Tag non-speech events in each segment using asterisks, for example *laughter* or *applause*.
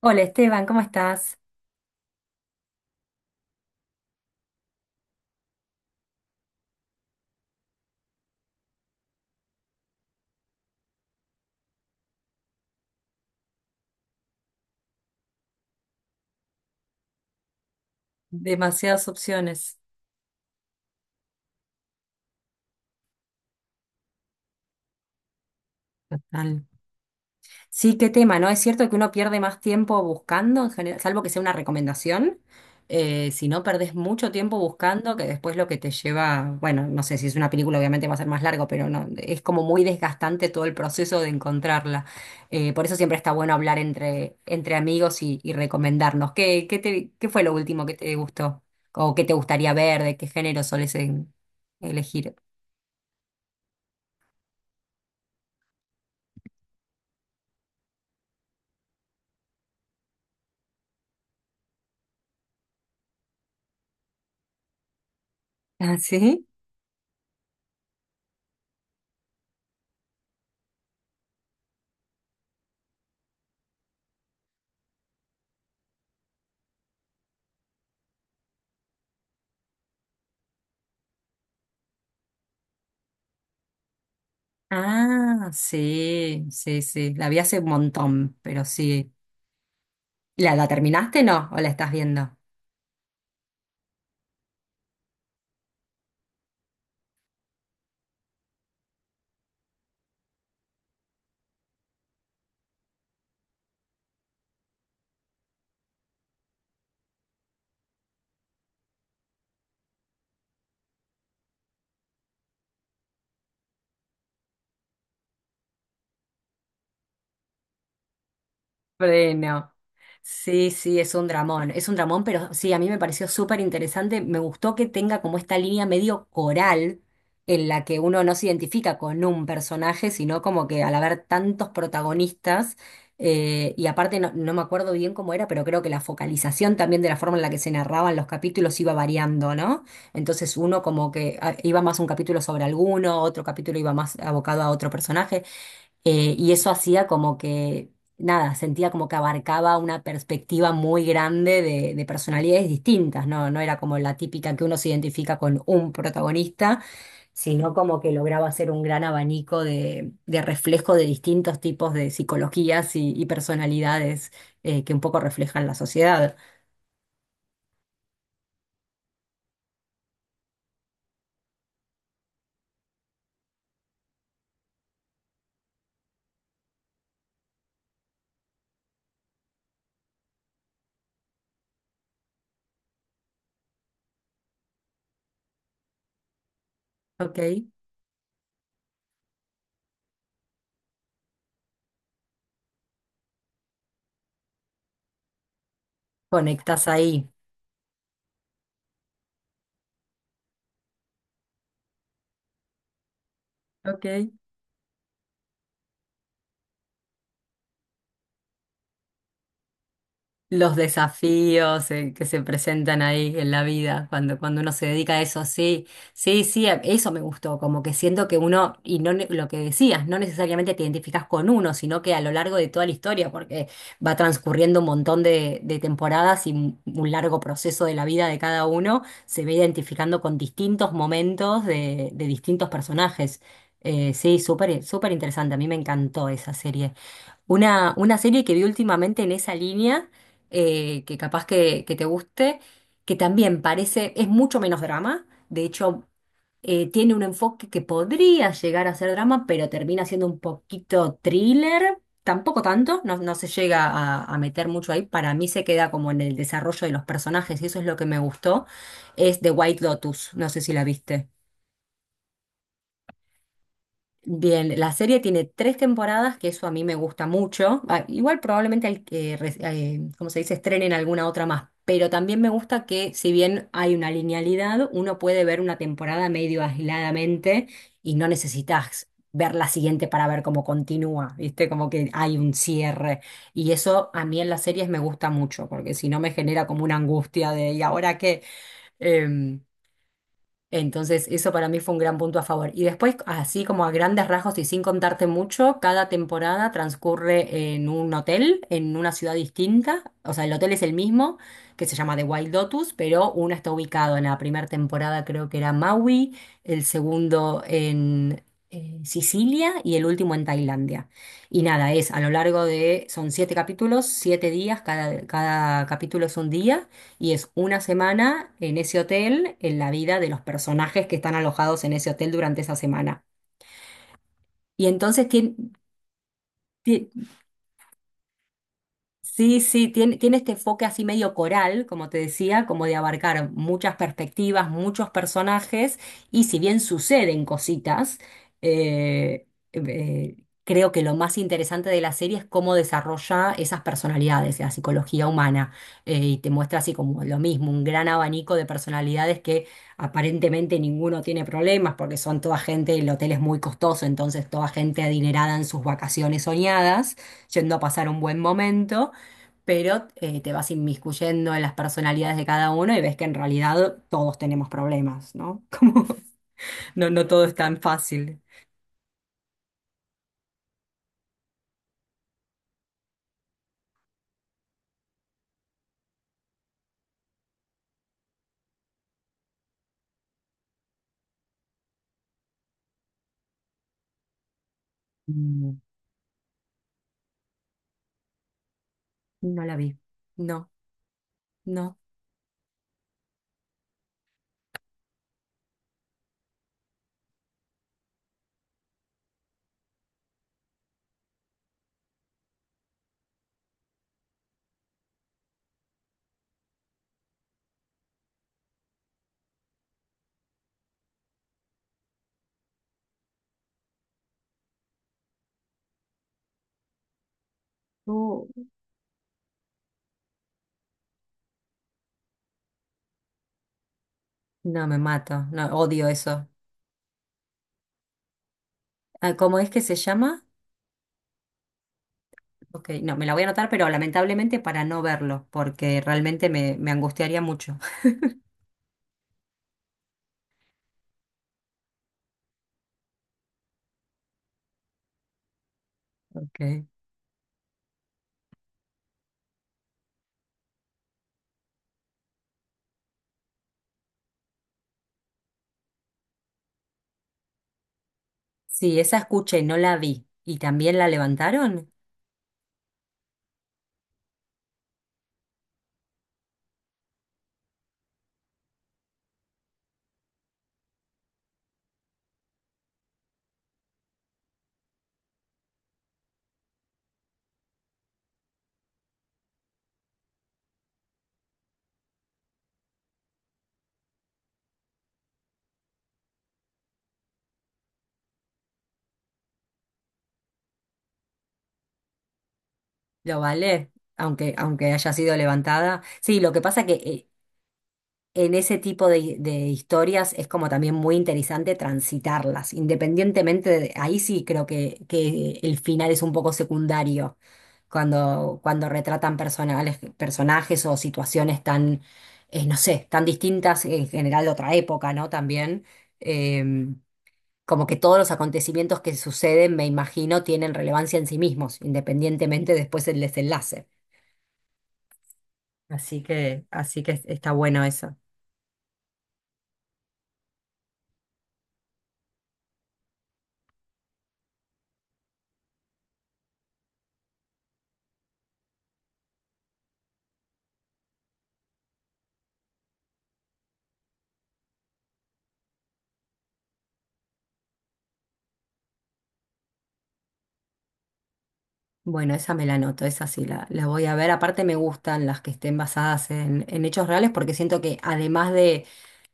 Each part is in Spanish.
Hola Esteban, ¿cómo estás? Demasiadas opciones. Total. Sí, qué tema, ¿no? Es cierto que uno pierde más tiempo buscando, en general, salvo que sea una recomendación. Si no, perdés mucho tiempo buscando, que después lo que te lleva, bueno, no sé si es una película, obviamente va a ser más largo, pero no, es como muy desgastante todo el proceso de encontrarla. Por eso siempre está bueno hablar entre amigos y recomendarnos. ¿Qué, qué fue lo último que te gustó? ¿O qué te gustaría ver? ¿De qué género elegir? ¿Ah, sí? Ah, sí, sí, sí. La vi hace un montón, pero sí. ¿La terminaste, no? ¿O la estás viendo? Freno. Sí, sí, es un dramón, pero sí, a mí me pareció súper interesante, me gustó que tenga como esta línea medio coral en la que uno no se identifica con un personaje, sino como que al haber tantos protagonistas, y aparte no, no me acuerdo bien cómo era, pero creo que la focalización también de la forma en la que se narraban los capítulos iba variando, ¿no? Entonces uno como que ah, iba más un capítulo sobre alguno, otro capítulo iba más abocado a otro personaje. Y eso hacía como que, nada, sentía como que abarcaba una perspectiva muy grande de personalidades distintas, ¿no? No era como la típica que uno se identifica con un protagonista, sino como que lograba hacer un gran abanico de reflejo de distintos tipos de psicologías y personalidades que un poco reflejan la sociedad. Ok, conectas ahí. Ok. Los desafíos que se presentan ahí en la vida, cuando, cuando uno se dedica a eso, sí, sí, sí, eso me gustó, como que siento que uno, y no ne- lo que decías, no necesariamente te identificas con uno, sino que a lo largo de toda la historia, porque va transcurriendo un montón de temporadas y un largo proceso de la vida de cada uno, se ve identificando con distintos momentos de distintos personajes. Sí, súper, súper interesante, a mí me encantó esa serie. Una serie que vi últimamente en esa línea, que capaz que te guste, que también parece, es mucho menos drama, de hecho, tiene un enfoque que podría llegar a ser drama, pero termina siendo un poquito thriller, tampoco tanto, no, no se llega a meter mucho ahí, para mí se queda como en el desarrollo de los personajes, y eso es lo que me gustó, es The White Lotus, no sé si la viste. Bien, la serie tiene tres temporadas, que eso a mí me gusta mucho. Ah, igual probablemente al que, como se dice, estrenen alguna otra más. Pero también me gusta que, si bien hay una linealidad, uno puede ver una temporada medio aisladamente y no necesitas ver la siguiente para ver cómo continúa, ¿viste? Como que hay un cierre. Y eso a mí en las series me gusta mucho, porque si no me genera como una angustia de, ¿y ahora qué? Em, entonces, eso para mí fue un gran punto a favor. Y después, así como a grandes rasgos y sin contarte mucho, cada temporada transcurre en un hotel, en una ciudad distinta. O sea, el hotel es el mismo, que se llama The Wild Lotus, pero uno está ubicado en la primera temporada, creo que era Maui, el segundo en Sicilia y el último en Tailandia. Y nada, es a lo largo de, son siete capítulos, siete días, cada, cada capítulo es un día. Y es una semana en ese hotel, en la vida de los personajes que están alojados en ese hotel durante esa semana. Y entonces tiene, sí, sí, tiene, tiene este enfoque así medio coral, como te decía, como de abarcar muchas perspectivas, muchos personajes, y si bien suceden cositas, eh, eh, creo que lo más interesante de la serie es cómo desarrolla esas personalidades, la psicología humana, y te muestra así como lo mismo, un gran abanico de personalidades que aparentemente ninguno tiene problemas, porque son toda gente, el hotel es muy costoso, entonces toda gente adinerada en sus vacaciones soñadas, yendo a pasar un buen momento pero te vas inmiscuyendo en las personalidades de cada uno y ves que en realidad todos tenemos problemas, ¿no? *laughs* Como no, no todo es tan fácil. Mm. No la vi. No, no. Uh, no, me mato. No, odio eso. Ah, ¿cómo es que se llama? Ok, no, me la voy a anotar, pero lamentablemente para no verlo, porque realmente me, me angustiaría mucho. *laughs* Ok. Sí, esa escuché, no la vi. ¿Y también la levantaron? ¿Lo vale? Aunque, aunque haya sido levantada. Sí, lo que pasa que en ese tipo de historias es como también muy interesante transitarlas, independientemente de, ahí sí creo que el final es un poco secundario cuando, cuando retratan personales, personajes o situaciones tan, no sé, tan distintas en general de otra época, ¿no? También, eh, como que todos los acontecimientos que suceden, me imagino, tienen relevancia en sí mismos, independientemente después del desenlace. Así que está bueno eso. Bueno, esa me la anoto, esa sí la voy a ver. Aparte me gustan las que estén basadas en hechos reales porque siento que además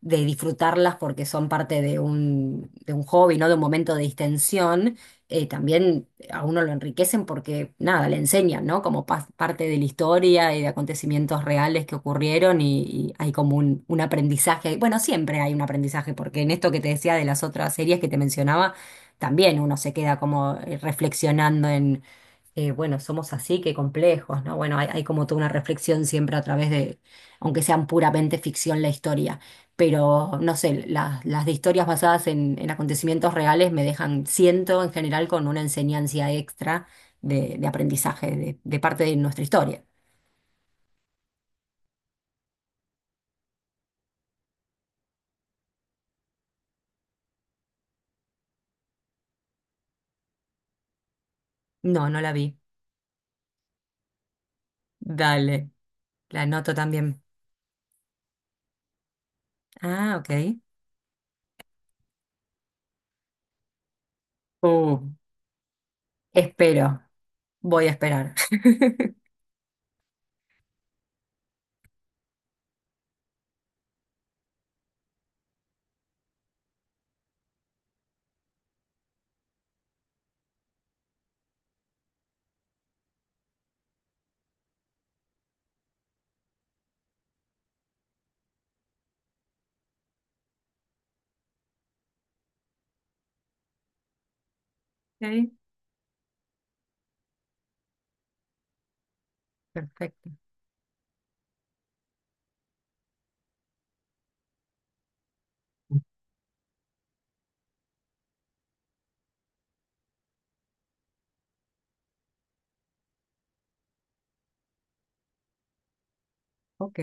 de disfrutarlas porque son parte de un hobby, ¿no? De un momento de distensión, también a uno lo enriquecen porque nada, le enseñan, ¿no? Como parte de la historia y de acontecimientos reales que ocurrieron y hay como un aprendizaje. Bueno, siempre hay un aprendizaje porque en esto que te decía de las otras series que te mencionaba, también uno se queda como reflexionando bueno, somos así, qué complejos, ¿no? Bueno, hay como toda una reflexión siempre a través de, aunque sean puramente ficción la historia, pero no sé, las de historias basadas en acontecimientos reales me dejan, siento en general, con una enseñanza extra de aprendizaje de parte de nuestra historia. No, no la vi. Dale, la anoto también. Ah, ok. Uh, espero, voy a esperar. *laughs* Ok, perfecto. Ok.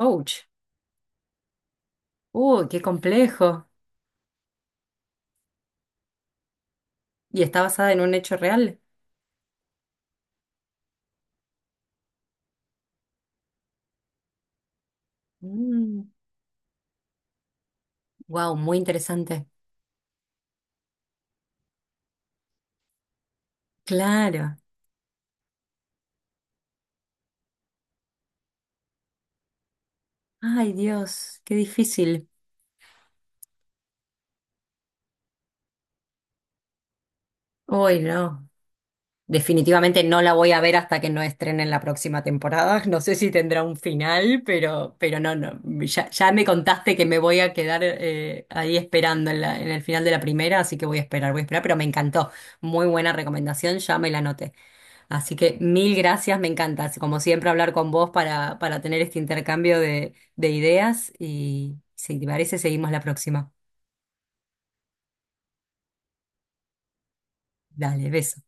Ouch. Uy, qué complejo. Y está basada en un hecho real. Wow, muy interesante. Claro. Ay, Dios, qué difícil. Hoy no. Definitivamente no la voy a ver hasta que no estrenen la próxima temporada. *laughs* No sé si tendrá un final, pero no, no. Ya, ya me contaste que me voy a quedar ahí esperando en en el final de la primera, así que voy a esperar, pero me encantó. Muy buena recomendación, ya me la anoté. Así que mil gracias, me encanta, como siempre, hablar con vos para tener este intercambio de ideas y si te parece, seguimos la próxima. Dale, beso.